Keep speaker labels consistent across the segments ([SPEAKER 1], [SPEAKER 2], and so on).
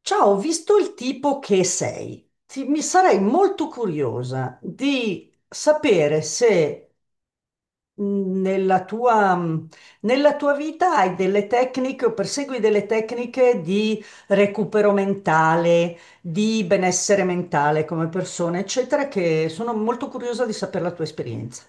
[SPEAKER 1] Ciao, ho visto il tipo che sei. Mi sarei molto curiosa di sapere se nella tua, nella tua vita hai delle tecniche o persegui delle tecniche di recupero mentale, di benessere mentale come persona, eccetera, che sono molto curiosa di sapere la tua esperienza.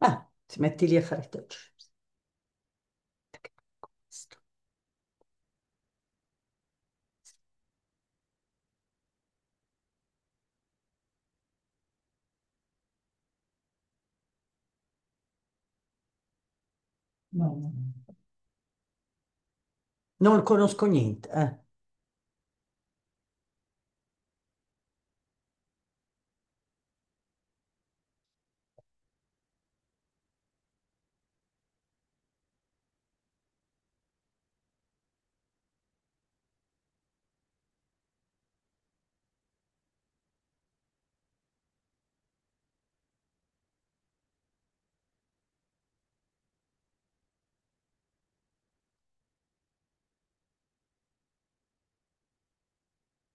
[SPEAKER 1] Ah, ti metti lì a fare te. No, no, no. Non conosco niente,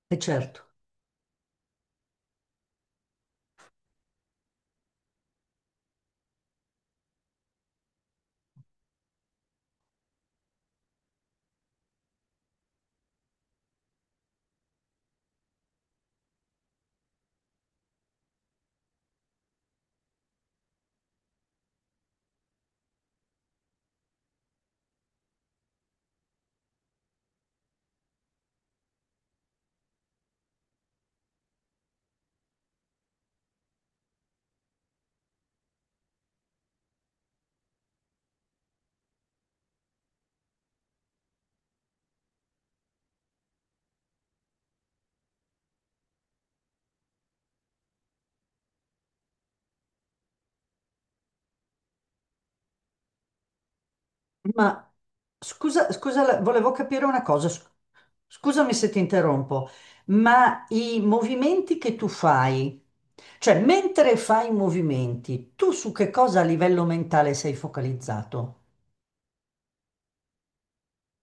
[SPEAKER 1] è certo. Ma scusa, scusa, volevo capire una cosa, scusami se ti interrompo, ma i movimenti che tu fai, cioè mentre fai i movimenti, tu su che cosa a livello mentale sei focalizzato?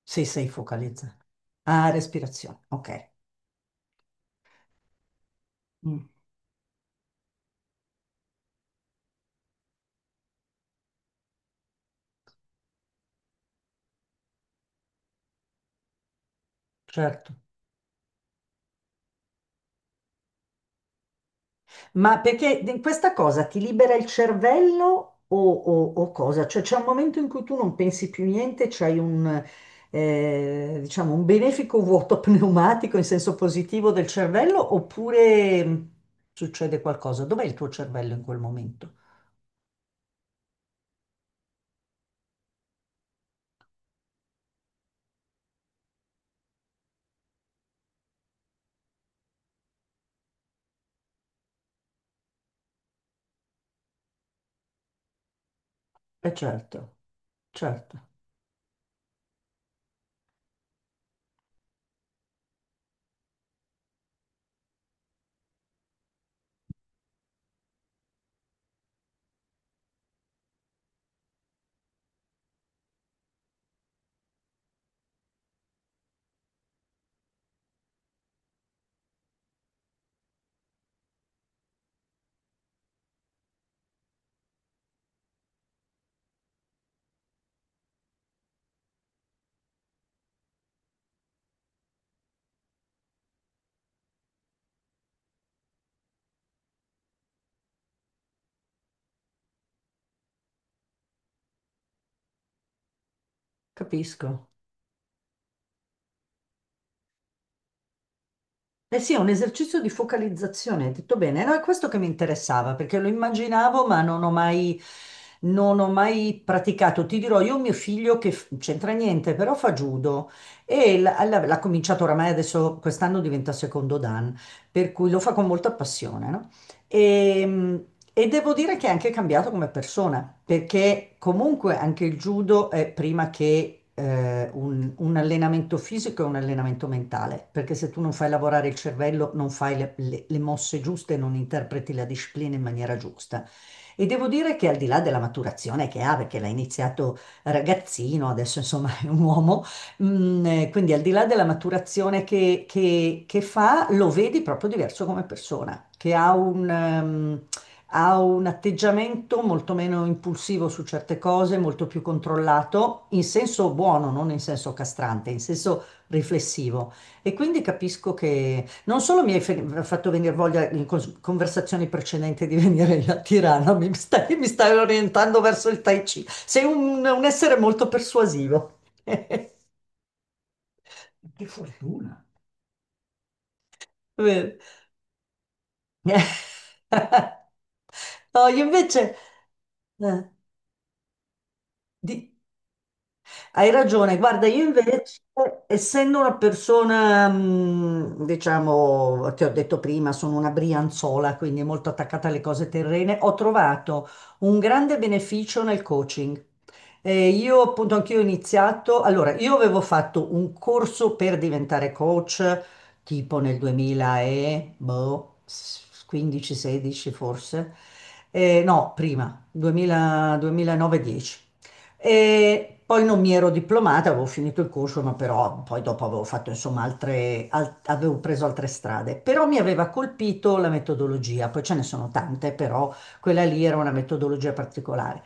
[SPEAKER 1] Se sei focalizzato. Ah, respirazione, ok. Mm, certo. Ma perché questa cosa ti libera il cervello o, o cosa? Cioè c'è un momento in cui tu non pensi più niente, c'hai un, diciamo, un benefico vuoto pneumatico in senso positivo del cervello oppure succede qualcosa? Dov'è il tuo cervello in quel momento? Eh certo, certo, capisco. Eh sì, è un esercizio di focalizzazione, hai detto bene. No, è questo che mi interessava, perché lo immaginavo, ma non ho mai, non ho mai praticato. Ti dirò, io ho mio figlio che c'entra niente, però fa judo e l'ha cominciato oramai adesso, quest'anno diventa secondo dan, per cui lo fa con molta passione, no? E, e devo dire che è anche cambiato come persona, perché comunque anche il judo è prima che un allenamento fisico e un allenamento mentale, perché se tu non fai lavorare il cervello, non fai le, le mosse giuste, non interpreti la disciplina in maniera giusta. E devo dire che al di là della maturazione che ha, perché l'ha iniziato ragazzino, adesso insomma è un uomo. Mm, quindi al di là della maturazione che, che fa, lo vedi proprio diverso come persona, che ha un atteggiamento molto meno impulsivo su certe cose, molto più controllato, in senso buono, non in senso castrante, in senso riflessivo. E quindi capisco che non solo mi hai fatto venire voglia in conversazioni precedenti di venire a Tirana, mi stai orientando verso il Tai Chi. Sei un essere molto persuasivo. Che fortuna. Vero? No, io invece... eh, di- Hai ragione, guarda, io invece, essendo una persona, diciamo, ti ho detto prima, sono una brianzola, quindi molto attaccata alle cose terrene, ho trovato un grande beneficio nel coaching. Io appunto anch'io ho iniziato, allora, io avevo fatto un corso per diventare coach, tipo nel 2015-16 forse. No, prima, 2000 2009-10. E poi non mi ero diplomata, avevo finito il corso, ma però poi dopo avevo fatto insomma altre, avevo preso altre strade. Però mi aveva colpito la metodologia, poi ce ne sono tante, però quella lì era una metodologia particolare.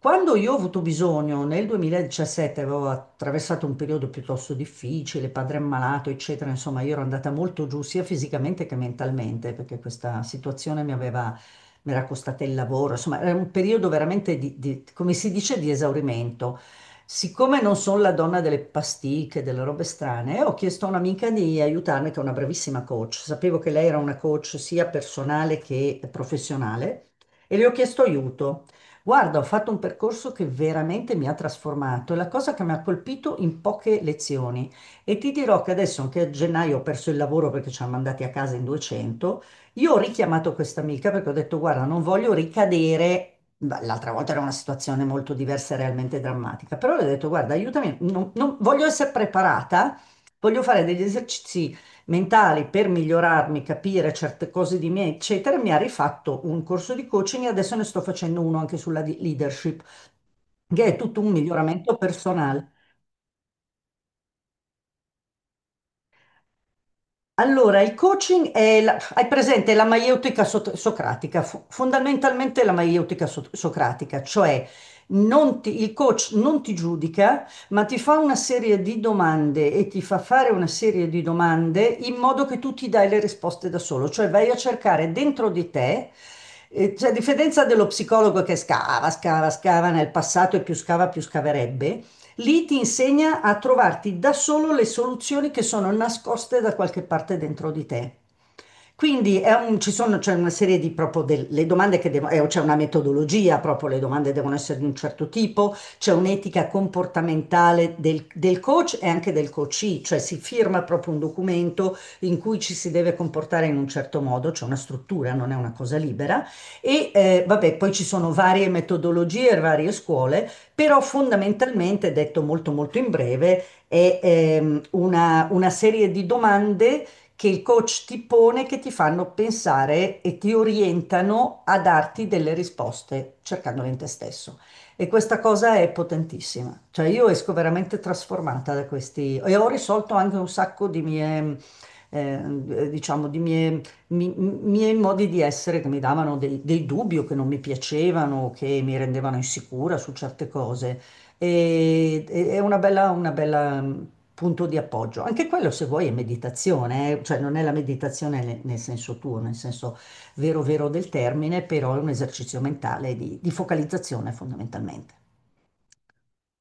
[SPEAKER 1] Quando io ho avuto bisogno, nel 2017 avevo attraversato un periodo piuttosto difficile, padre ammalato, eccetera, insomma, io ero andata molto giù sia fisicamente che mentalmente, perché questa situazione mi aveva mi era costato il lavoro, insomma, era un periodo veramente di, come si dice, di esaurimento. Siccome non sono la donna delle pasticche, delle robe strane, ho chiesto a un'amica di aiutarmi, che è una bravissima coach. Sapevo che lei era una coach sia personale che professionale e le ho chiesto aiuto. Guarda, ho fatto un percorso che veramente mi ha trasformato, è la cosa che mi ha colpito in poche lezioni. E ti dirò che adesso, anche a gennaio, ho perso il lavoro perché ci hanno mandati a casa in 200. Io ho richiamato questa amica perché ho detto, guarda, non voglio ricadere. Beh, l'altra volta era una situazione molto diversa e realmente drammatica, però le ho detto, guarda, aiutami, voglio essere preparata, voglio fare degli esercizi mentali per migliorarmi, capire certe cose di me, eccetera. Mi ha rifatto un corso di coaching e adesso ne sto facendo uno anche sulla leadership, che è tutto un miglioramento personale. Allora, il coaching è, hai presente la maieutica socratica, fondamentalmente la maieutica socratica, cioè non ti- il coach non ti giudica, ma ti fa una serie di domande e ti fa fare una serie di domande in modo che tu ti dai le risposte da solo, cioè vai a cercare dentro di te, cioè a differenza dello psicologo che scava, scava, scava nel passato e più scava più scaverebbe. Lì ti insegna a trovarti da solo le soluzioni che sono nascoste da qualche parte dentro di te. Quindi è ci sono, c'è una serie di proprio delle domande che devono, c'è una metodologia, proprio le domande devono essere di un certo tipo, c'è un'etica comportamentale del, del coach e anche del coachee, cioè si firma proprio un documento in cui ci si deve comportare in un certo modo, c'è una struttura, non è una cosa libera. E vabbè, poi ci sono varie metodologie, varie scuole, però fondamentalmente, detto molto molto in breve, è una serie di domande che il coach ti pone che ti fanno pensare e ti orientano a darti delle risposte cercandole in te stesso. E questa cosa è potentissima. Cioè io esco veramente trasformata da questi e ho risolto anche un sacco di mie, diciamo, di mie, miei modi di essere che mi davano dei, dei dubbi o che non mi piacevano, o che mi rendevano insicura su certe cose e, è una bella mm, punto di appoggio. Anche quello, se vuoi, è meditazione, eh. Cioè non è la meditazione nel, nel senso tuo, nel senso vero vero del termine, però è un esercizio mentale di focalizzazione fondamentalmente.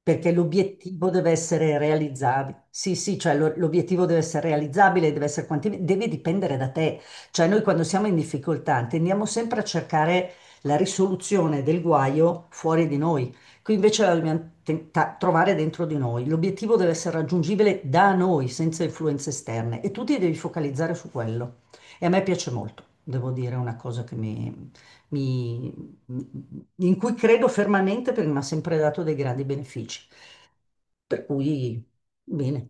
[SPEAKER 1] Perché l'obiettivo deve essere realizzabile. Sì, sì, cioè l'obiettivo deve essere realizzabile, deve essere deve dipendere da te. Cioè noi quando siamo in difficoltà tendiamo sempre a cercare la risoluzione del guaio fuori di noi. Qui invece la dobbiamo trovare dentro di noi. L'obiettivo deve essere raggiungibile da noi, senza influenze esterne. E tu ti devi focalizzare su quello. E a me piace molto, devo dire, è una cosa che mi, in cui credo fermamente perché mi ha sempre dato dei grandi benefici. Per cui, bene,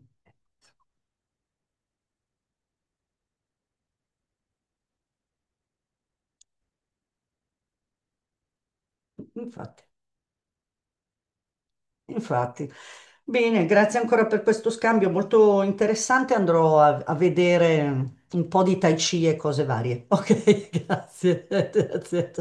[SPEAKER 1] infatti, infatti. Bene, grazie ancora per questo scambio molto interessante. Andrò a, a vedere un po' di Tai Chi e cose varie. Ok, grazie. Grazie.